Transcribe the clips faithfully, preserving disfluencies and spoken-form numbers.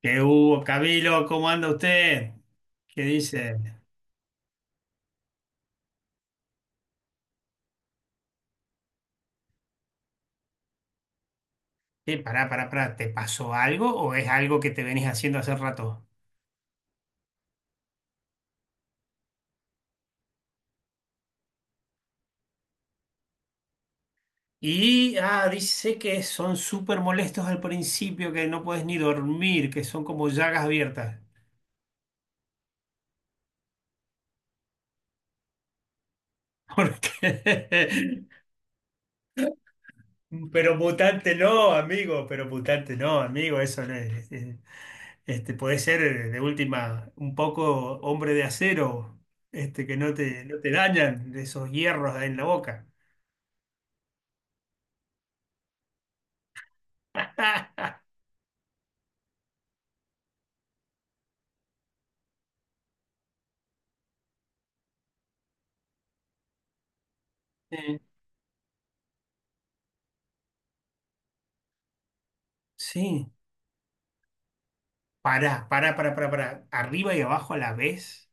¿Qué hubo, Camilo? ¿Cómo anda usted? ¿Qué dice? ¿Qué, pará, pará, pará, ¿te pasó algo o es algo que te venís haciendo hace rato? Y, ah, dice que son súper molestos al principio, que no puedes ni dormir, que son como llagas abiertas. ¿Por Pero mutante no, amigo, pero mutante no, amigo, eso no es. es- Este, puede ser eh, de última un poco hombre de acero, este, que no te, no te dañan de esos hierros en la boca. Sí, sí. Pará, pará, pará, pará, pará. Arriba y abajo a la vez.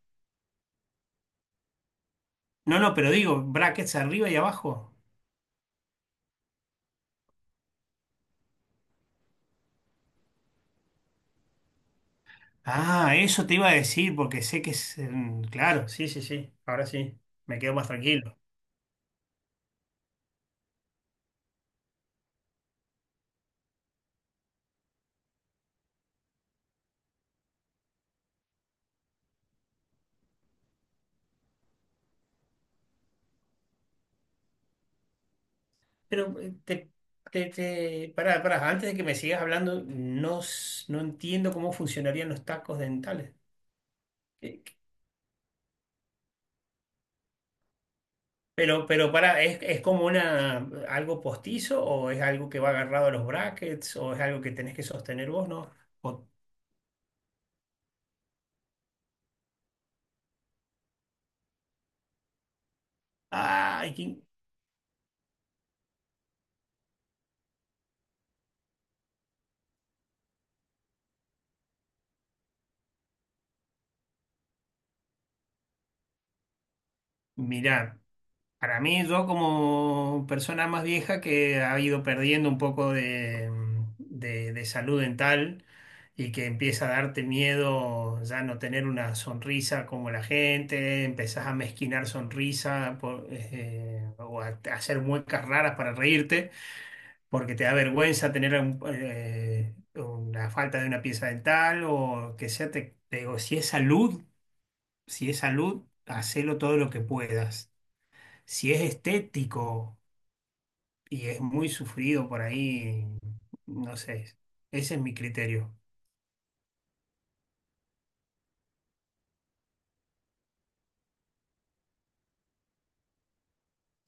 No, no, pero digo, brackets arriba y abajo. Ah, eso te iba a decir porque sé que es... em, Claro, sí, sí, sí. Ahora sí. Me quedo más tranquilo. Pero eh, te, te, te- pará, pará. Antes de que me sigas hablando, no, s- no entiendo cómo funcionarían los tacos dentales. Eh, Pero, pero pará, ¿es, ¿es como una, algo postizo o es algo que va agarrado a los brackets o es algo que tenés que sostener vos, ¿no? Ay, qué- mirá, para mí yo como persona más vieja que ha ido perdiendo un poco de, de- de salud dental y que empieza a darte miedo ya no tener una sonrisa como la gente, empezás a mezquinar sonrisa por, eh, o a a hacer muecas raras para reírte porque te da vergüenza tener un- eh, una falta de una pieza dental o que sea, te, te digo, si es salud. Si es salud, hacelo todo lo que puedas. Si es estético y es muy sufrido por ahí, no sé. Ese es mi criterio.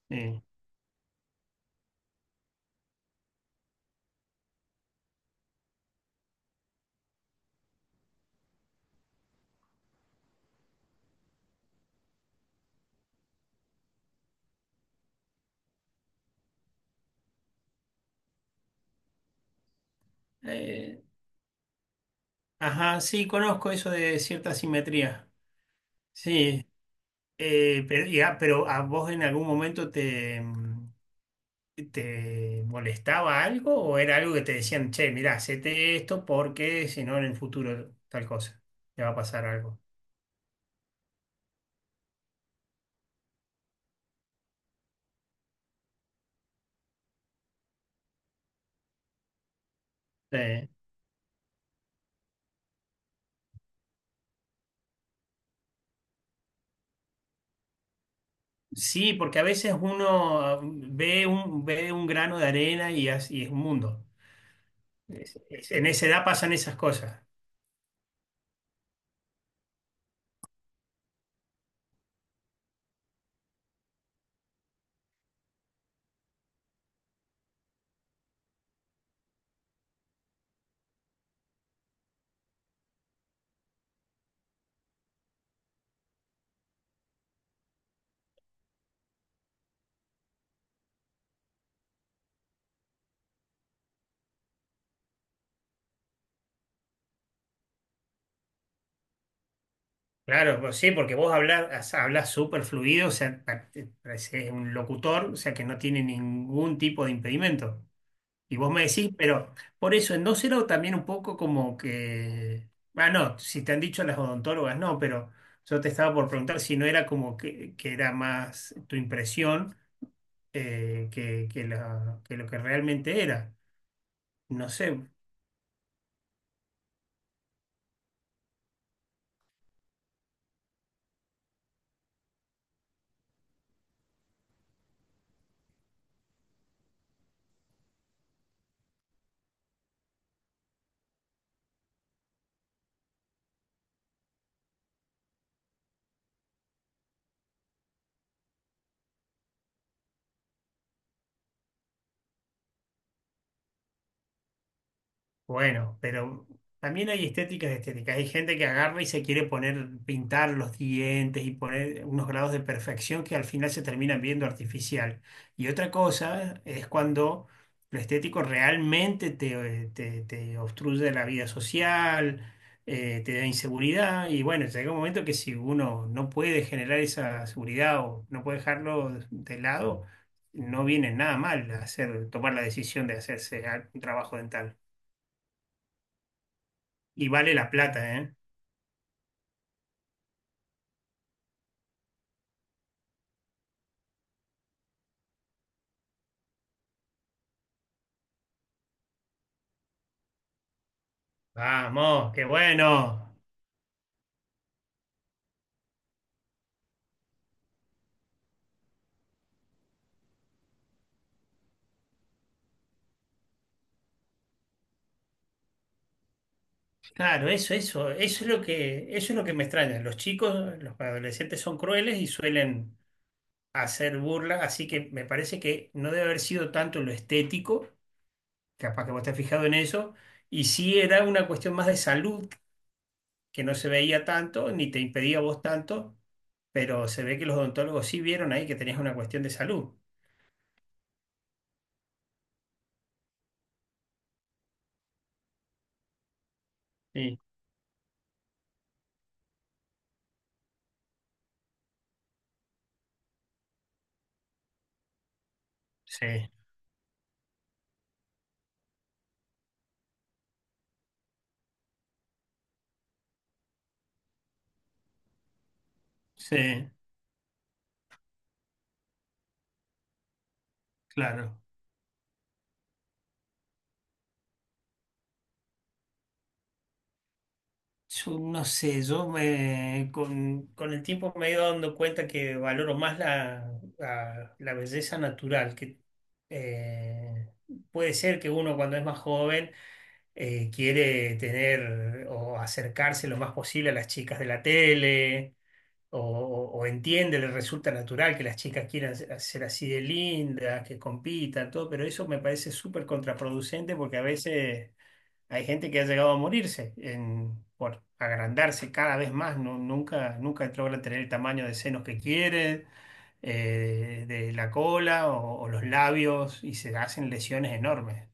Eh, eh, ajá, sí, conozco eso de cierta simetría. Sí, eh, pero ya, pero ¿a vos en algún momento te, mm, te molestaba algo o era algo que te decían, che, mirá, hacete esto porque si no en el futuro tal cosa, te va a pasar algo? Sí. Sí, porque a veces uno ve un, ve un grano de arena y, as- y es un mundo. Es- es- en esa edad pasan esas cosas. Claro, pues sí, porque vos hablas, hablas súper fluido, o sea, pa- te- pareces un locutor, o sea, que no tiene ningún tipo de impedimento. Y vos me decís, pero por eso, ¿no será también un poco como que... Ah, no, si te han dicho las odontólogas, no, pero yo te estaba por preguntar si no era como que, que era más tu impresión eh, que, que la- que lo que realmente era. No sé. Bueno, pero también hay estéticas de estéticas. Hay gente que agarra y se quiere poner, pintar los dientes y poner unos grados de perfección que al final se terminan viendo artificial. Y otra cosa es cuando lo estético realmente te, eh, te- te obstruye la vida social, eh, te da inseguridad. Y bueno, llega un momento que si uno no puede generar esa seguridad o no puede dejarlo de lado, no viene nada mal hacer, tomar la decisión de hacerse un trabajo dental. Y vale la plata, ¿eh? Vamos, qué bueno. Claro, eso, eso, eso es lo que, eso es lo que me extraña. Los chicos, los adolescentes son crueles y suelen hacer burla así que me parece que no debe haber sido tanto lo estético, capaz que vos te has fijado en eso, y sí era una cuestión más de salud, que no se veía tanto, ni te impedía a vos tanto, pero se ve que los odontólogos sí vieron ahí que tenías una cuestión de salud. Sí, sí, sí, claro. Yo no sé, yo me, con, con el tiempo me he ido dando cuenta que valoro más la, la- la belleza natural, que eh, puede ser que uno cuando es más joven eh, quiere tener o acercarse lo más posible a las chicas de la tele, o, o- o entiende, le resulta natural que las chicas quieran ser ser así de lindas, que compitan, todo, pero eso me parece súper contraproducente porque a veces... Hay gente que ha llegado a morirse en- por agrandarse cada vez más, no- nunca, nunca logra tener el tamaño de senos que quiere, eh, de la cola o, o los labios y se hacen lesiones enormes.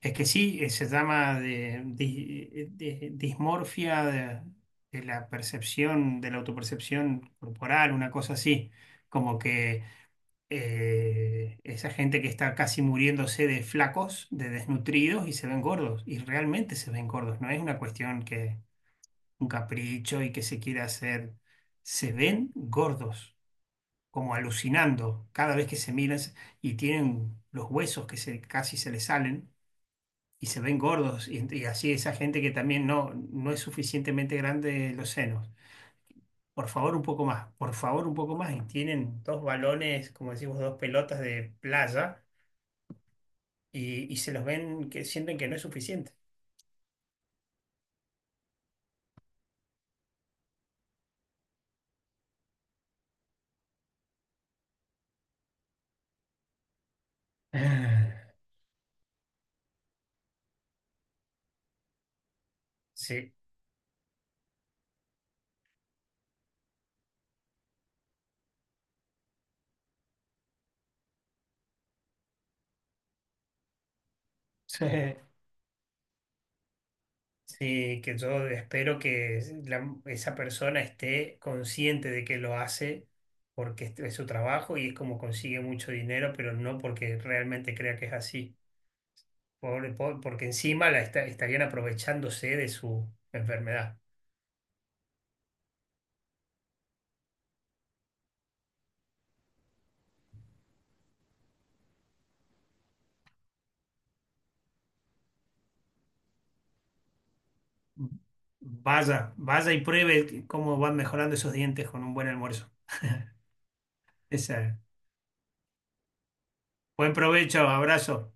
Es que sí, eh, se llama de, di- de- dismorfia de, de la percepción, de la autopercepción corporal, una cosa así, como que eh, esa gente que está casi muriéndose de flacos, de desnutridos y se ven gordos. Y realmente se ven gordos. No es una cuestión que un capricho y que se quiera hacer. Se ven gordos, como alucinando cada vez que se miran se- y tienen los huesos que se, casi se les salen. Y se ven gordos, y, y así esa gente que también no, no es suficientemente grande los senos. Por favor, un poco más, por favor, un poco más. Y tienen dos balones, como decimos, dos pelotas de playa y, y se los ven que sienten que no es suficiente. Ah, sí. Sí, sí, que yo espero que la- esa persona esté consciente de que lo hace porque este es su trabajo y es como consigue mucho dinero, pero no porque realmente crea que es así. Pobre- po- porque encima la esta- estarían aprovechándose de su enfermedad. Vaya, vaya y pruebe cómo van mejorando esos dientes con un buen almuerzo. Esa. Buen provecho, abrazo.